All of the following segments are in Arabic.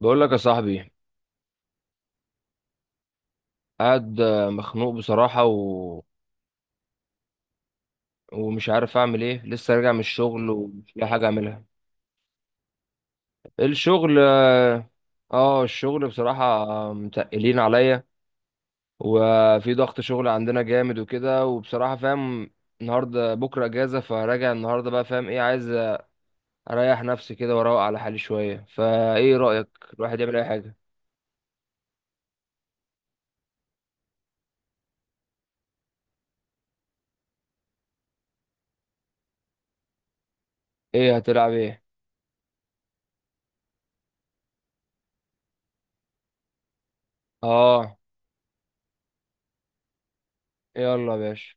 بقول لك يا صاحبي، قاعد مخنوق بصراحة ومش عارف اعمل ايه. لسه راجع من الشغل ومش لاقي حاجة اعملها. الشغل اه. آه، الشغل بصراحة، متقلين عليا. وفي ضغط شغل عندنا جامد وكده، وبصراحة فاهم النهاردة بكرة اجازة. فراجع النهاردة بقى، فاهم ايه عايز. اريح نفسي كده واروق على حالي شوية. فايه رأيك الواحد يعمل اي حاجة؟ ايه هتلعب ايه؟ اه، يلا يا باشا.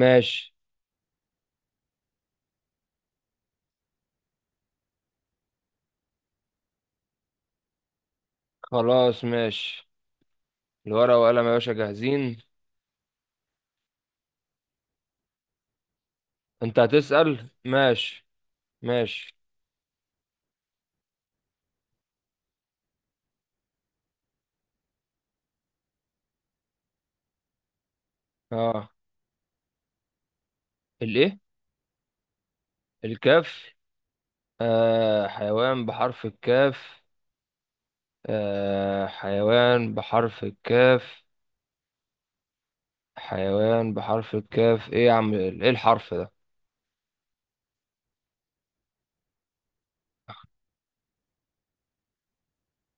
ماشي. خلاص ماشي. الورقة وقلم يا باشا جاهزين. انت هتسأل؟ ماشي ماشي. اه، الايه؟ الكاف. حيوان بحرف الكاف. حيوان بحرف الكاف. حيوان بحرف الكاف، ايه يا عم؟ ايه الحرف ده؟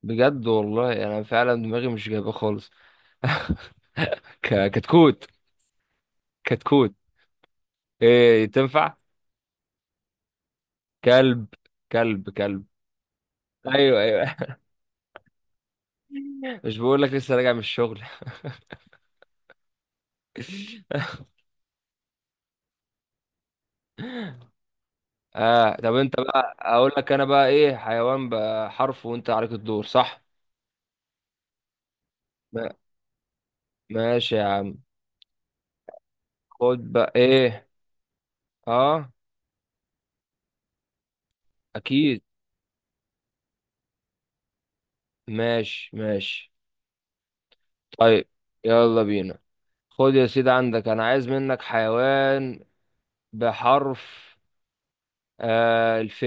بجد والله انا فعلا دماغي مش جايبه خالص. كتكوت. كتكوت، ايه تنفع؟ كلب كلب كلب. ايوه ايوه. مش بقول لك لسه راجع من الشغل. اه، طب انت بقى، اقول لك انا بقى ايه، حيوان بقى حرف، وانت عليك الدور، صح؟ ما- ماشي يا عم. خد بقى ايه. اه، اكيد. ماشي ماشي. طيب، يلا بينا. خد يا سيدي، عندك انا عايز منك حيوان بحرف الف.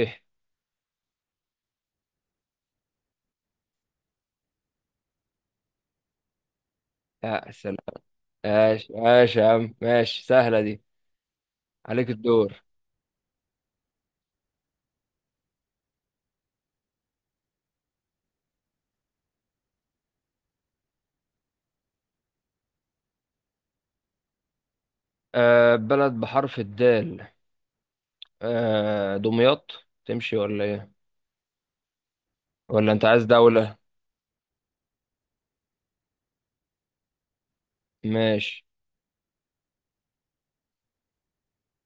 يا سلام. ماشي ماشي يا عم، ماشي. سهلة دي. عليك الدور. بلد بحرف الدال. دمياط، تمشي ولا ايه؟ ولا انت عايز دولة؟ ماشي.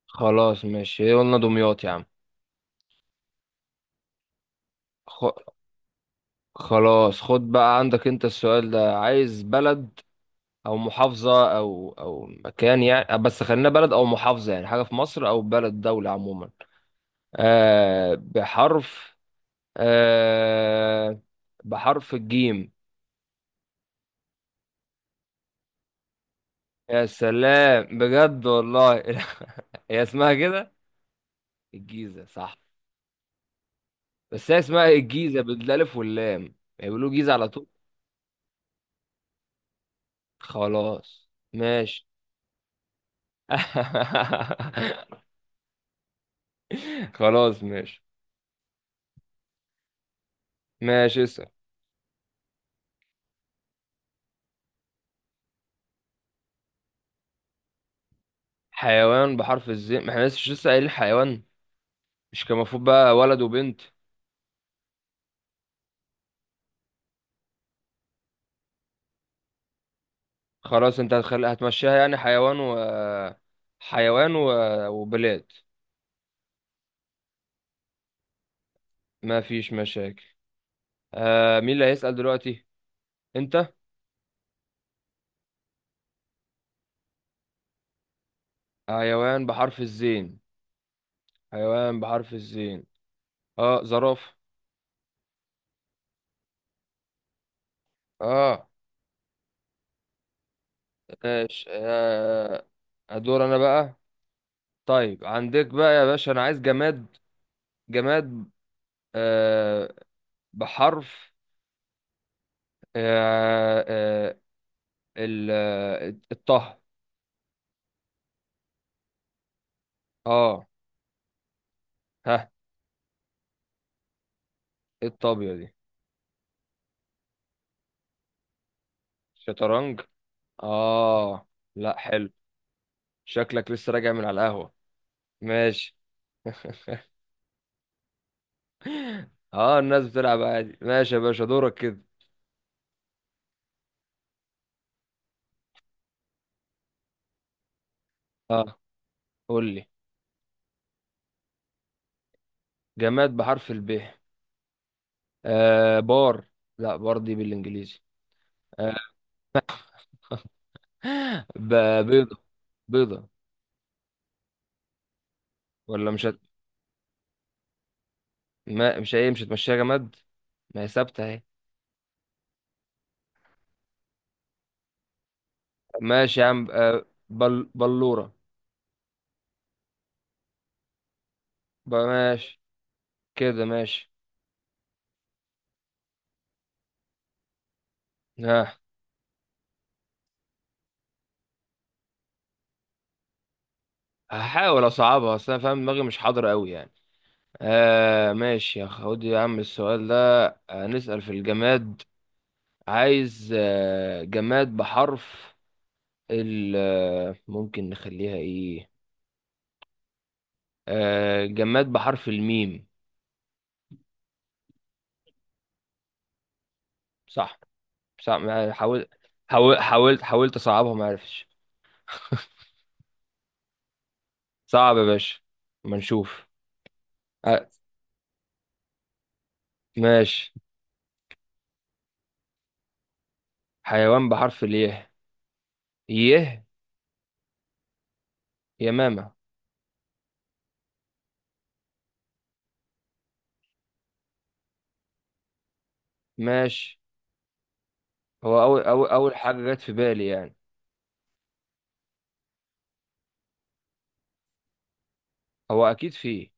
خلاص ماشي، هي قلنا دمياط يا عم. خ... خلاص. خد بقى عندك انت السؤال ده. عايز بلد او محافظة او مكان يعني، بس خلينا بلد او محافظة، يعني حاجة في مصر او بلد دولة عموما. بحرف، آه بحرف الجيم. يا سلام، بجد والله. هي اسمها كده؟ الجيزة، صح. بس هي اسمها الجيزة بالالف واللام، بيقولوا جيزة على طول. خلاص ماشي. خلاص ماشي. ماشي اسأل. حيوان بحرف الزين؟ ما احنا لسه قايلين حيوان. مش كان المفروض بقى ولد وبنت؟ خلاص، انت هتخلي هتمشيها يعني حيوان حيوان و... وبلاد. ما فيش مشاكل. مين اللي هيسأل دلوقتي؟ انت. حيوان بحرف الزين. حيوان بحرف الزين اه، زرافة. اه ماشي. ادور انا بقى. طيب، عندك بقى يا باشا، انا عايز جماد. جماد آه بحرف آه آه ال آه، الطه. اه. ها؟ ايه الطابية دي؟ شطرنج. اه. لا، حلو. شكلك لسه راجع من على القهوة. ماشي. اه، الناس بتلعب عادي. ماشي يا باشا، دورك كده. اه، قول لي جماد بحرف الب. بار. لا، بار دي بالانجليزي. آه بيضة. بيضة، ولا مش ما... مش هي مش هتمشيها جماد. ما هي ثابتة اهي. ماشي يا عم. بلورة. بقى ماشي، كده ماشي. ها؟ هحاول اصعبها، اصل انا فاهم دماغي مش حاضر قوي يعني. ماشي يا، خد يا عم السؤال ده. نسأل في الجماد. عايز جماد بحرف ال آه، ممكن نخليها ايه؟ جماد بحرف الميم. صح. صح. حاول. حاولت اصعبها، ما عرفتش. صعب يا باشا، ما نشوف. آه ماشي. حيوان بحرف اليه. يه يمامة. ماشي. هو أول حاجة جت في بالي يعني. هو أكيد فيه.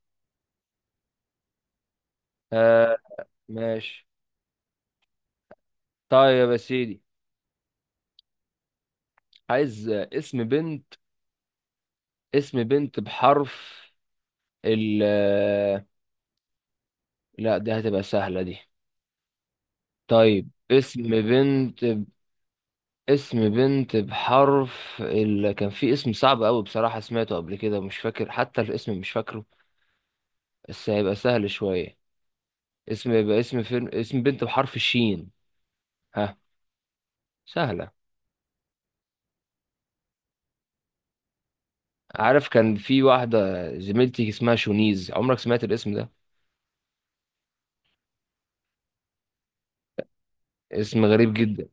آه ماشي. طيب يا سيدي. عايز اسم بنت. اسم بنت بحرف ال آه، لا، دي هتبقى سهلة دي. طيب، اسم بنت. اسم بنت بحرف كان في اسم صعب أوي بصراحة سمعته قبل كده، مش فاكر حتى الاسم مش فاكره، بس هيبقى سهل شوية. اسم، يبقى اسم فيلم. اسم بنت بحرف الشين، ها؟ سهلة. عارف، كان في واحدة زميلتي اسمها شونيز، عمرك سمعت الاسم ده؟ اسم غريب جدا.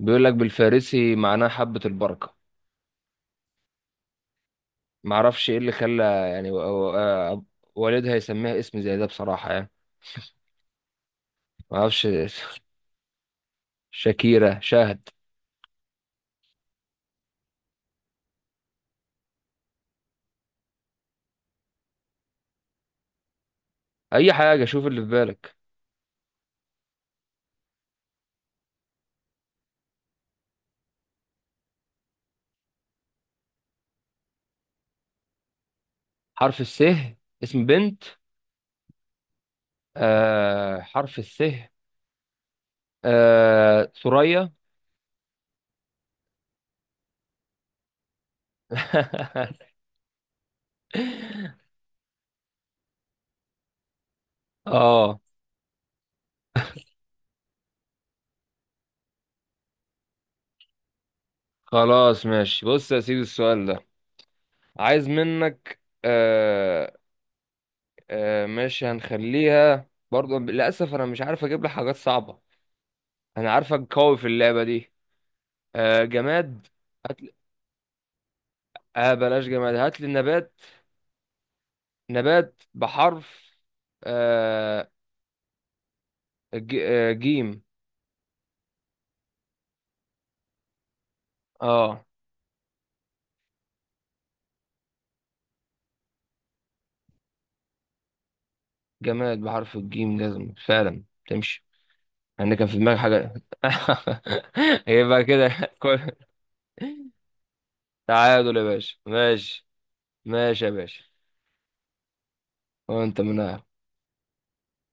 بيقول لك بالفارسي معناه حبة البركة. معرفش ايه اللي خلى يعني و- آه، والدها يسميها اسم زي ده بصراحة يعني. معرفش. شاكيرة، شاهد. اي حاجة، شوف اللي في بالك. حرف السه، اسم بنت. حرف السه. ثريا. اه، خلاص ماشي. بص يا سيدي السؤال ده. عايز منك ماشي، هنخليها برضو. للأسف أنا مش عارف أجيب لك حاجات صعبة. أنا عارفك قوي في اللعبة دي. جماد. هات لي، بلاش جماد، هات لي نبات. نبات بحرف آه ج... آه جيم. اه، جماد بحرف الجيم، جزم فعلا تمشي. أنا كان في دماغي حاجة. يبقى كده. كل- تعادل يا باشا، ماشي. ماشي يا باشا. وأنت منها.